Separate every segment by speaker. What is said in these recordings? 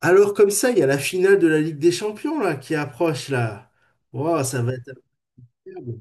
Speaker 1: Alors comme ça, il y a la finale de la Ligue des Champions là qui approche là. Wow, ça va être incroyable.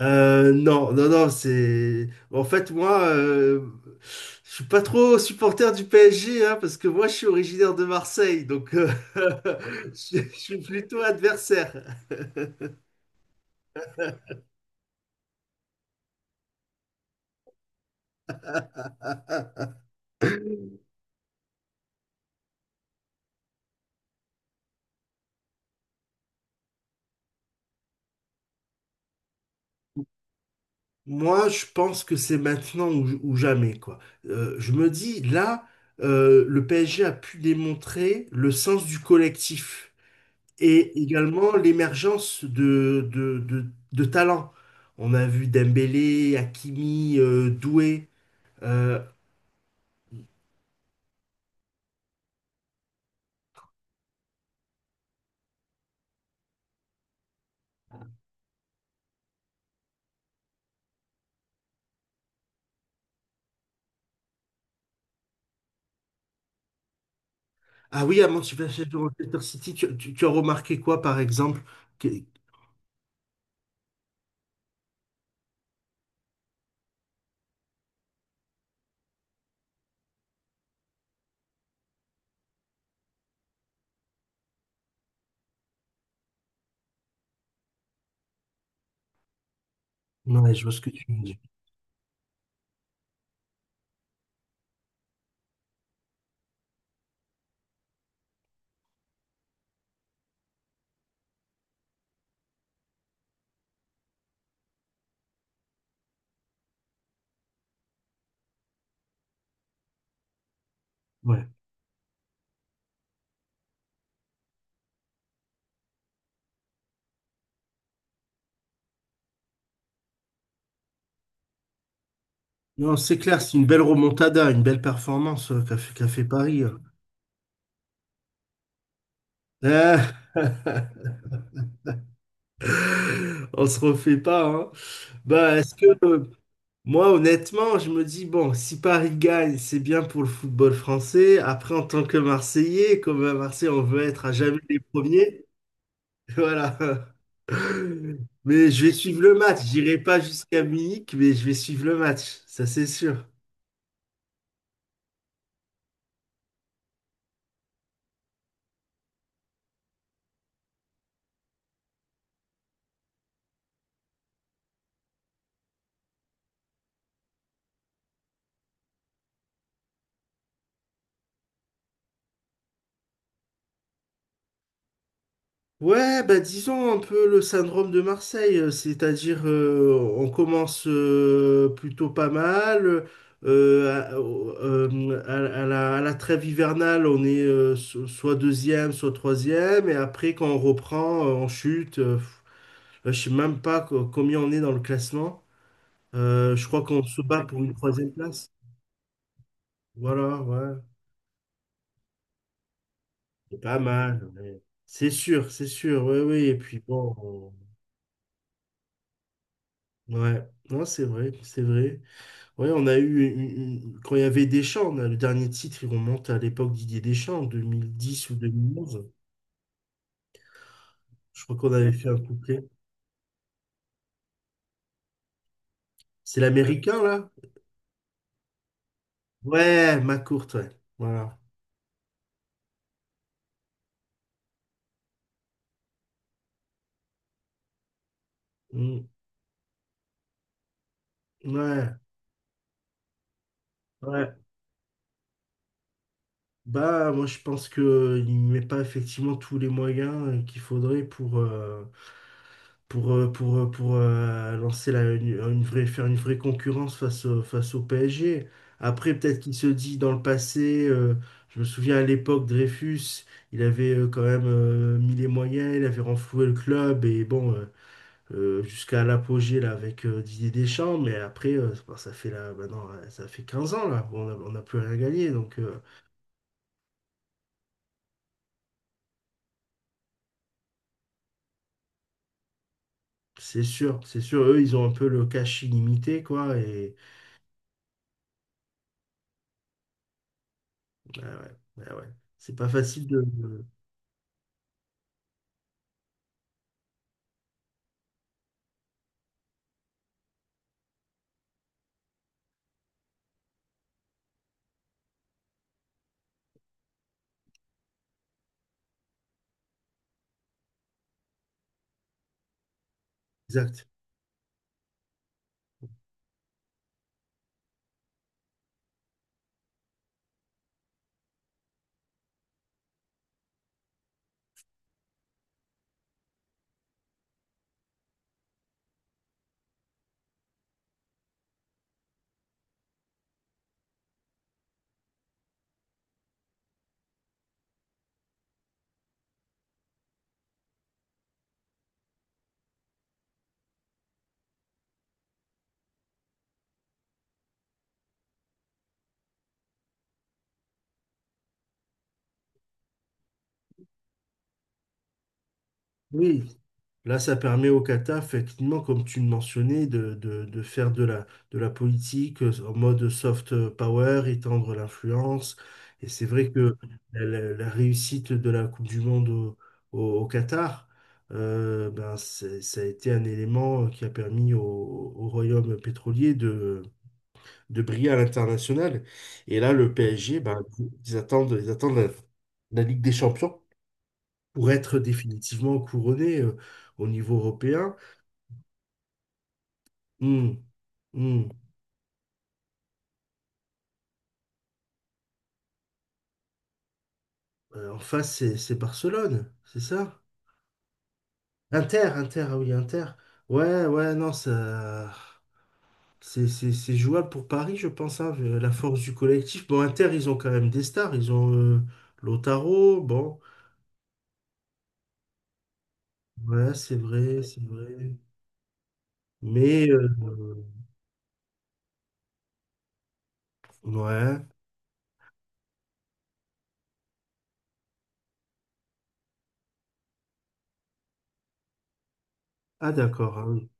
Speaker 1: Non, non, non, c'est... En fait, moi, je suis pas trop supporter du PSG, hein, parce que moi, je suis originaire de Marseille, donc je suis plutôt adversaire. Moi, je pense que c'est maintenant ou jamais, quoi. Je me dis, là, le PSG a pu démontrer le sens du collectif, et également l'émergence de talents. On a vu Dembélé, Hakimi, Doué. euh, ah oui, à Manchester City, tu as remarqué quoi, par exemple? Que- Ouais, je vois ce que tu veux dire. Ouais. Non, c'est clair, c'est une belle remontada, une belle performance qu'a fait Paris, hein. Euh, on se refait pas, hein. Bah, moi, honnêtement, je me dis, bon, si Paris gagne, c'est bien pour le football français. Après, en tant que Marseillais, comme à Marseille, on veut être à jamais les premiers. Voilà. Mais je vais suivre le match. J'irai pas jusqu'à Munich, mais je vais suivre le match. Ça, c'est sûr. Ouais, bah disons un peu le syndrome de Marseille, c'est-à-dire on commence plutôt pas mal, à la trêve hivernale on est soit deuxième, soit troisième, et après quand on reprend, on chute, là, je sais même pas combien on est dans le classement. Je crois qu'on se bat pour une troisième place, voilà, ouais, c'est pas mal, ouais. C'est sûr, oui, oui, et puis bon, ouais, non, c'est vrai, c'est vrai. Ouais, on a eu quand il y avait Deschamps, on a le dernier titre, il remonte à l'époque Didier Deschamps, en 2010 ou 2011. Je crois qu'on avait fait un couplet. C'est l'américain, là? Ouais, ma courte, ouais. Voilà. Mm. Ouais, ouais. Bah, moi, je pense que il met pas effectivement tous les moyens qu'il faudrait pour, lancer une vraie, faire une vraie concurrence face au PSG. Après, peut-être qu'il se dit dans le passé, je me souviens à l'époque, Dreyfus, il avait quand même mis les moyens, il avait renfloué le club, et bon, jusqu'à l'apogée là, avec Didier Deschamps, mais après, bah, ça fait là, maintenant, ça fait 15 ans là, on n'a plus rien gagné, donc c'est sûr, eux, ils ont un peu le cash illimité, quoi. Et ah ouais, ah ouais, c'est pas facile de- Exact. Oui, là, ça permet au Qatar, effectivement, comme tu le mentionnais, de, de faire de la politique en mode soft power, étendre l'influence. Et c'est vrai que la réussite de la Coupe du Monde au Qatar, ben, c'est- ça a été un élément qui a permis au, au royaume pétrolier de briller à l'international. Et là, le PSG, ben, ils attendent la la Ligue des Champions pour être définitivement couronné au niveau européen. Hmm, hmm. En face, c'est Barcelone, c'est ça? Inter, Inter, ah oui, Inter. Ouais, ouais, non, ça, c'est c'est jouable pour Paris, je pense, hein, vu la force du collectif. Bon, Inter, ils ont quand même des stars, ils ont Lautaro, bon, ouais, c'est vrai, c'est vrai. Mais, ouais, ah d'accord, ah oui.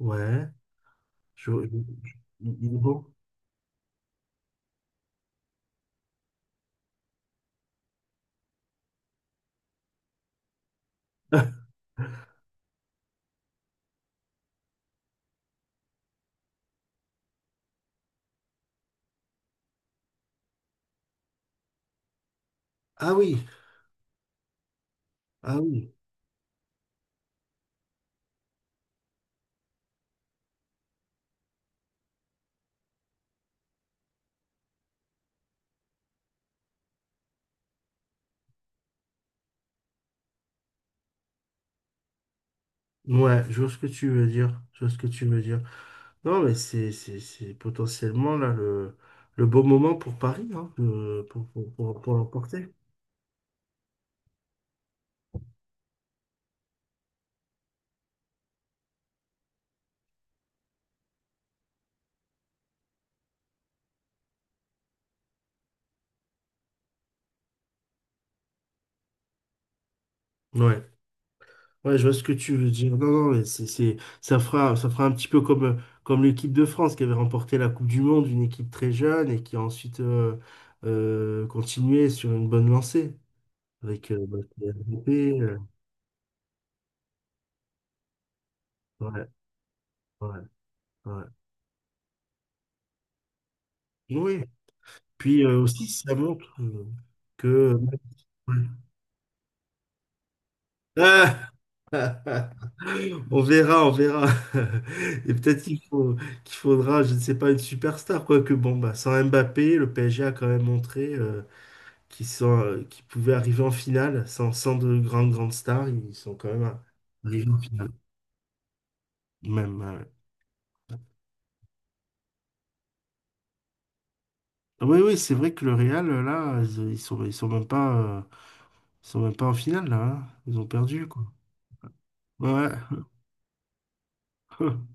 Speaker 1: ouais, je- il est bon. Ah oui, ah oui. Ouais, je vois ce que tu veux dire. Je vois ce que tu veux dire. Non, mais c'est c'est potentiellement là le beau moment pour Paris, hein, pour l'emporter. Ouais. Ouais, je vois ce que tu veux dire. Non, non, mais ça fera un petit peu comme, comme l'équipe de France qui avait remporté la Coupe du Monde, une équipe très jeune et qui a ensuite continué sur une bonne lancée avec bah, Mbappé, ouais, ouais, ouais. Oui. Puis aussi, ça montre que. Ouais. Ah On verra, on verra. Et peut-être qu'il faudra, je ne sais pas, une superstar, quoique bon, bah, sans Mbappé, le PSG a quand même montré qu'ils pouvaient arriver en finale. Sans de grandes stars, ils sont quand même arrivés en finale. Même, oui, oui, c'est vrai que le Real, là, ils sont même pas, ils sont même pas en finale, là, hein. Ils ont perdu, quoi. Ouais.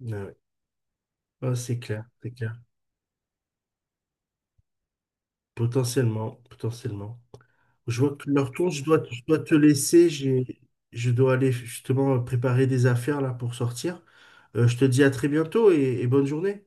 Speaker 1: Ouais, ouais. Ah, c'est clair, c'est clair. Potentiellement, potentiellement. Je vois que leur tour, je dois te laisser. J'ai, je dois aller justement préparer des affaires là pour sortir. Je te dis à très bientôt et bonne journée.